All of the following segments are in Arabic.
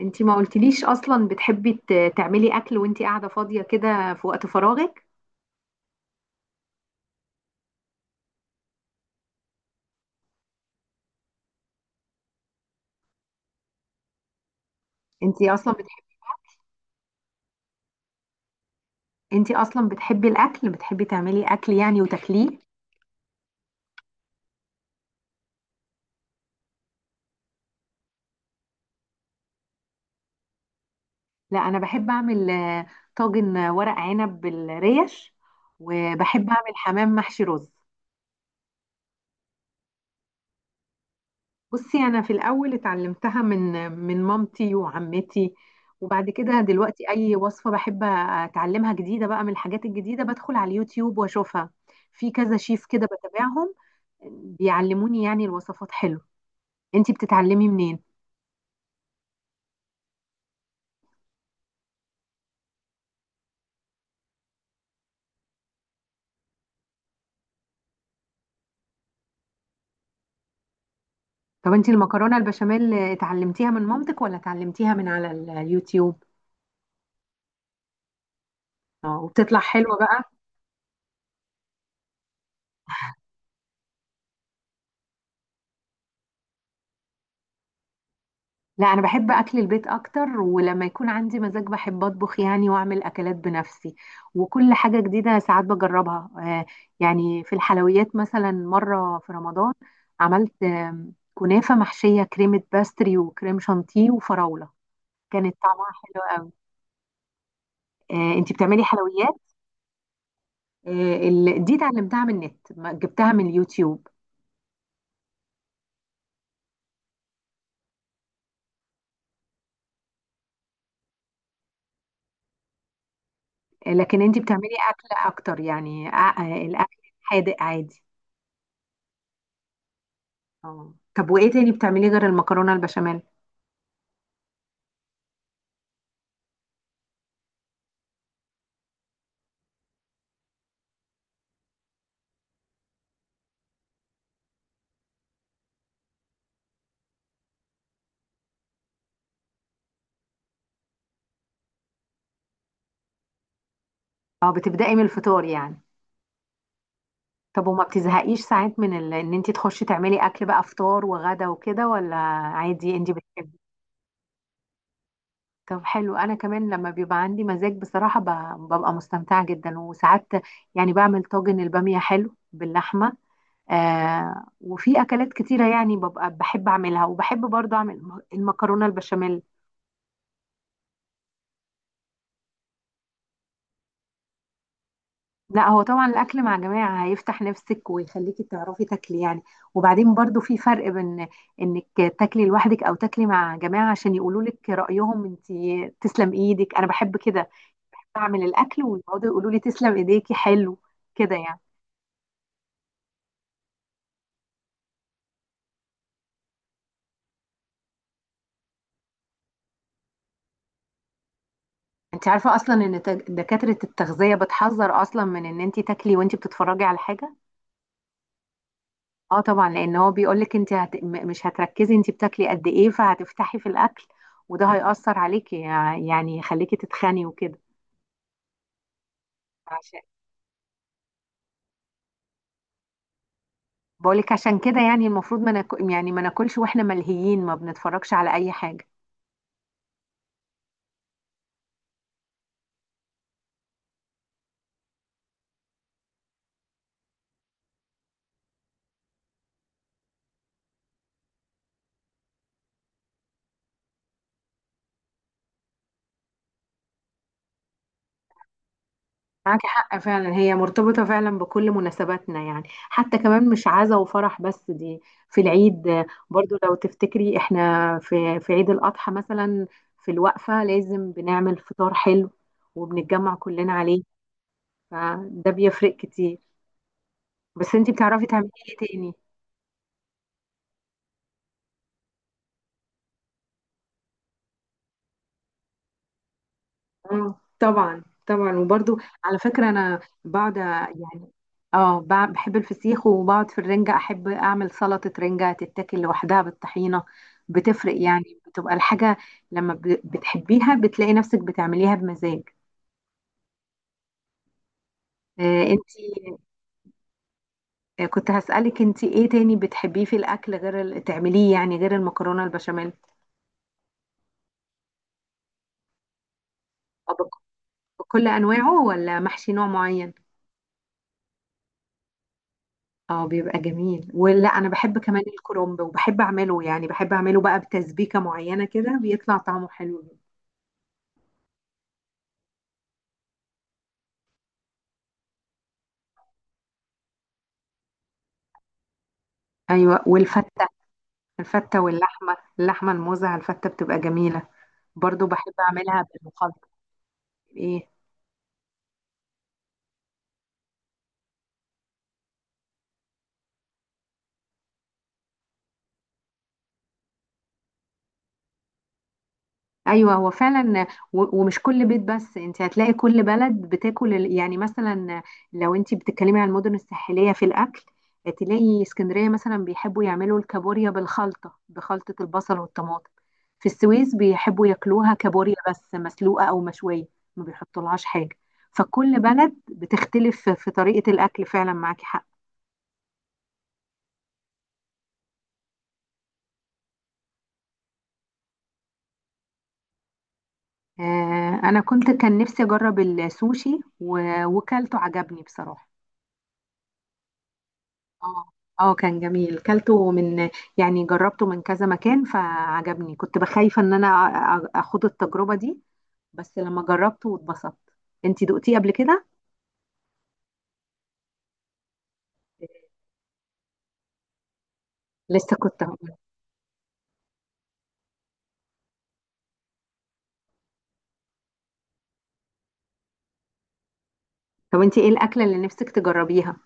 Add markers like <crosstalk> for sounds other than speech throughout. انتي ما قلتليش اصلا بتحبي تعملي اكل وانتي قاعده فاضيه كده في وقت فراغك؟ انتي اصلا بتحبي. انتي اصلا بتحبي الاكل، بتحبي تعملي اكل يعني وتاكليه؟ لا، انا بحب اعمل طاجن، ورق عنب بالريش. وبحب اعمل حمام محشي رز. بصي، انا في الاول اتعلمتها من مامتي وعمتي. وبعد كده دلوقتي اي وصفه بحب اتعلمها جديده بقى، من الحاجات الجديده بدخل على اليوتيوب واشوفها. في كذا شيف كده بتابعهم. بيعلموني يعني الوصفات، حلو. انتي بتتعلمي منين؟ طب انتي المكرونه البشاميل اتعلمتيها من مامتك ولا اتعلمتيها من على اليوتيوب؟ اه، وبتطلع حلوه بقى؟ لا، انا بحب اكل البيت اكتر، ولما يكون عندي مزاج بحب اطبخ يعني واعمل اكلات بنفسي. وكل حاجه جديده ساعات بجربها. يعني في الحلويات مثلا مره في رمضان عملت كنافه محشيه كريمه باستري وكريم شانتيه وفراوله. كانت طعمها حلو قوي. انتي بتعملي حلويات؟ دي اتعلمتها من النت، جبتها من اليوتيوب. لكن انت بتعملي اكل اكتر يعني، الاكل حادق عادي. اه طب، وايه تاني بتعمليه غير المكرونه البشاميل؟ اه، بتبداي من الفطار يعني؟ طب وما بتزهقيش ساعات من ان انت تخشي تعملي اكل بقى فطار وغدا وكده، ولا عادي انت بتحبي؟ طب حلو، انا كمان لما بيبقى عندي مزاج بصراحه ببقى مستمتعه جدا، وساعات يعني بعمل طاجن الباميه حلو باللحمه. وفي اكلات كتيره يعني ببقى بحب اعملها، وبحب برضه اعمل المكرونه البشاميل. لا، هو طبعا الاكل مع جماعه هيفتح نفسك ويخليكي تعرفي تاكلي يعني. وبعدين برضه في فرق بين انك تاكلي لوحدك او تاكلي مع جماعه، عشان يقولوا لك رايهم. انت تسلم ايدك، انا بحب كده اعمل الاكل ويقعدوا يقولوا لي تسلم ايديكي، حلو كده يعني. انت عارفه اصلا ان دكاتره التغذيه بتحذر اصلا من ان انت تاكلي وانت بتتفرجي على حاجه؟ اه طبعا، لان هو بيقولك انت مش هتركزي انت بتاكلي قد ايه، فهتفتحي في الاكل. وده هيأثر عليكي يعني يخليكي تتخني وكده. عشان بقولك عشان كده، يعني المفروض ما ناكل، يعني ما ناكلش واحنا ملهيين، ما بنتفرجش على اي حاجه. معاكي حق فعلا، هي مرتبطه فعلا بكل مناسباتنا يعني، حتى كمان مش عزا وفرح بس دي. في العيد، برضو لو تفتكري احنا في عيد الاضحى مثلا. في الوقفه لازم بنعمل فطار حلو، وبنتجمع كلنا عليه. فده بيفرق كتير. بس انتي بتعرفي تعملي ايه تاني؟ اه طبعا طبعا، وبرضو على فكرة انا بقعد يعني. اه، بحب الفسيخ، وبقعد في الرنجة احب اعمل سلطة رنجة تتاكل لوحدها بالطحينة. بتفرق يعني، بتبقى الحاجة لما بتحبيها بتلاقي نفسك بتعمليها بمزاج. انتي، كنت هسألك انتي ايه تاني بتحبيه في الاكل، غير تعمليه يعني، غير المكرونة البشاميل؟ أو بكل انواعه، ولا محشي نوع معين؟ اه بيبقى جميل، ولا انا بحب كمان الكرنب وبحب اعمله يعني، بحب اعمله بقى بتسبيكة معينة كده بيطلع طعمه حلو جدا. ايوه، والفتة. الفتة واللحمة الموزة على الفتة بتبقى جميلة. برضو بحب اعملها بالمخلط. ايه؟ ايوه، هو فعلا ومش كل بيت بس، انت هتلاقي كل بلد بتاكل يعني مثلا لو انت بتتكلمي عن المدن الساحليه في الاكل، تلاقي اسكندريه مثلا بيحبوا يعملوا الكابوريا بالخلطه، بخلطه البصل والطماطم. في السويس بيحبوا ياكلوها كابوريا بس مسلوقه او مشويه، ما بيحطولهاش حاجه. فكل بلد بتختلف في طريقه الاكل، فعلا معاكي حق. انا كان نفسي اجرب السوشي، وكلته عجبني بصراحه. اه. اه، كان جميل كلته من يعني، جربته من كذا مكان فعجبني، كنت بخايفة ان انا اخد التجربة دي. بس لما جربته واتبسطت. انتي دقتيه قبل كده؟ لسه كنت هقول. طب انتي ايه الاكلة اللي نفسك تجربيها؟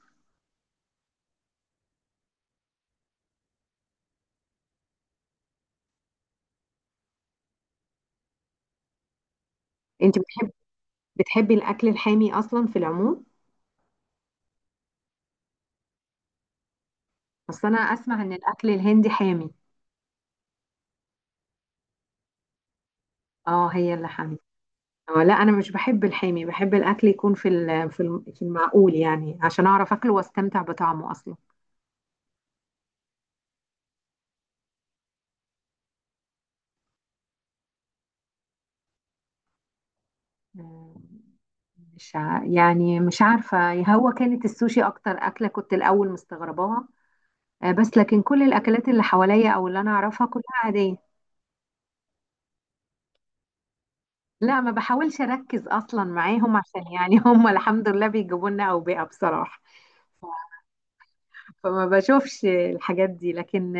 انتي بتحب بتحبي الاكل الحامي اصلا في العموم؟ بس انا اسمع ان الاكل الهندي حامي. اه، هي اللي حامي. اه لا، انا مش بحب الحامي، بحب الاكل يكون في في المعقول يعني، عشان اعرف اكله واستمتع بطعمه اصلا. آه، مش ع... يعني مش عارفة، هو كانت السوشي أكتر أكلة كنت الأول مستغرباها. بس لكن كل الأكلات اللي حواليا أو اللي أنا أعرفها كلها عادية. لا، ما بحاولش أركز أصلا معاهم، عشان يعني <laughs> هم الحمد لله بيجيبوا لنا أوبئة بصراحة. فما بشوفش الحاجات دي، لكن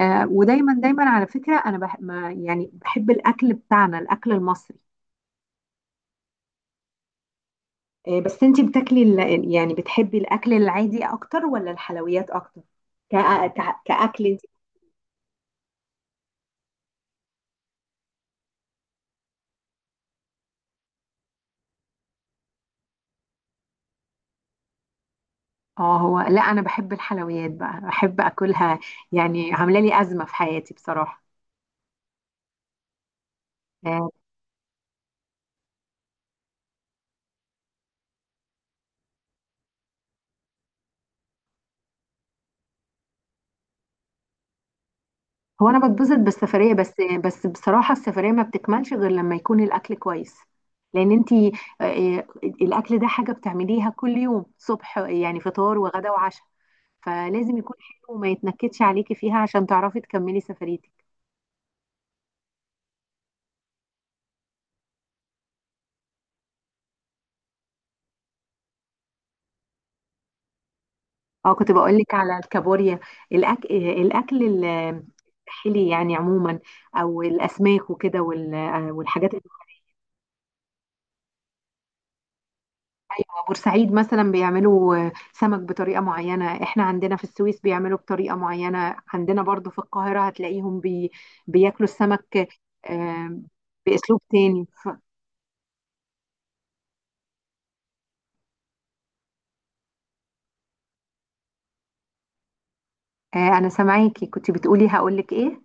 ودايما دايما على فكرة أنا ما يعني بحب الأكل بتاعنا، الأكل المصري. بس أنتي بتاكلي يعني بتحبي الأكل العادي أكتر ولا الحلويات أكتر؟ كأكل. اه هو لا، انا بحب الحلويات بقى، بحب اكلها. يعني عامله لي ازمه في حياتي بصراحه. آه، هو انا بتبسط بالسفريه بس. بس بصراحه، السفريه ما بتكملش غير لما يكون الاكل كويس. لان انتي الاكل ده حاجه بتعمليها كل يوم صبح، يعني فطار وغدا وعشاء. فلازم يكون حلو وما يتنكدش عليكي فيها، عشان تعرفي تكملي سفريتك. اه، كنت بقول لك على الكابوريا. الأك... آه، الاكل ال- الحلي يعني عموما، او الاسماك وكده، والحاجات. ايوه بورسعيد مثلا بيعملوا سمك بطريقه معينه، احنا عندنا في السويس بيعملوا بطريقه معينه، عندنا برضو في القاهره هتلاقيهم بياكلوا السمك آه، باسلوب تاني. انا سامعاكي، كنت بتقولي هقولك ايه؟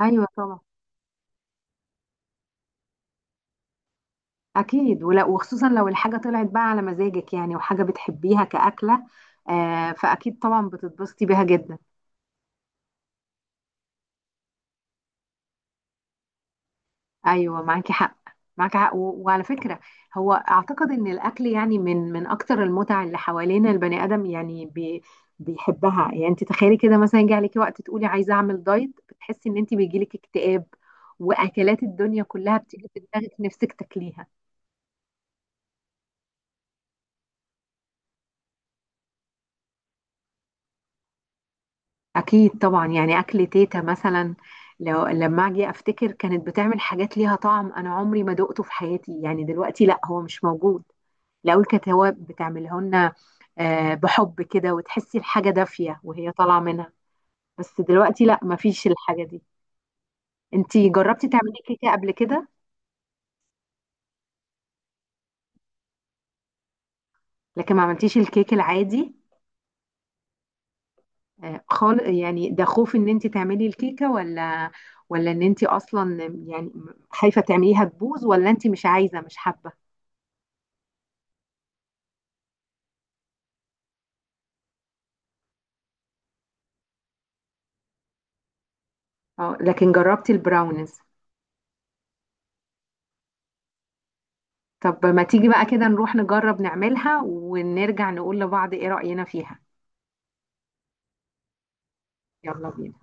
ايوه طبعا. اكيد ولا، وخصوصا لو الحاجه طلعت بقى على مزاجك يعني، وحاجه بتحبيها كاكله. فاكيد طبعا بتتبسطي بيها جدا. ايوه، معاكي حق. معاكي حق وعلى فكره، هو اعتقد ان الاكل يعني من اكتر المتع اللي حوالينا، البني ادم يعني بيحبها، يعني انت تخيلي كده مثلا يجي عليكي وقت تقولي عايزه اعمل دايت، بتحسي ان انت بيجيلك اكتئاب واكلات الدنيا كلها بتيجي في دماغك نفسك تاكليها. اكيد طبعا، يعني اكل تيتا مثلا لما اجي افتكر كانت بتعمل حاجات ليها طعم انا عمري ما دقته في حياتي، يعني دلوقتي لا هو مش موجود. لو الكتاوب بتعملها لنا، بحب كده، وتحسي الحاجة دافية وهي طالعة منها. بس دلوقتي لا، مفيش الحاجة دي. انتي جربتي تعملي كيكة قبل كده؟ لكن ما عملتيش الكيك العادي خالص يعني، ده خوف ان انتي تعملي الكيكة، ولا ولا ان انتي اصلا يعني، خايفة تعمليها تبوظ، ولا انتي مش عايزة مش حابة؟ اه، لكن جربتي البراونيز. طب، ما تيجي بقى كده نروح نجرب نعملها ونرجع نقول لبعض ايه رأينا فيها؟ يلا بينا.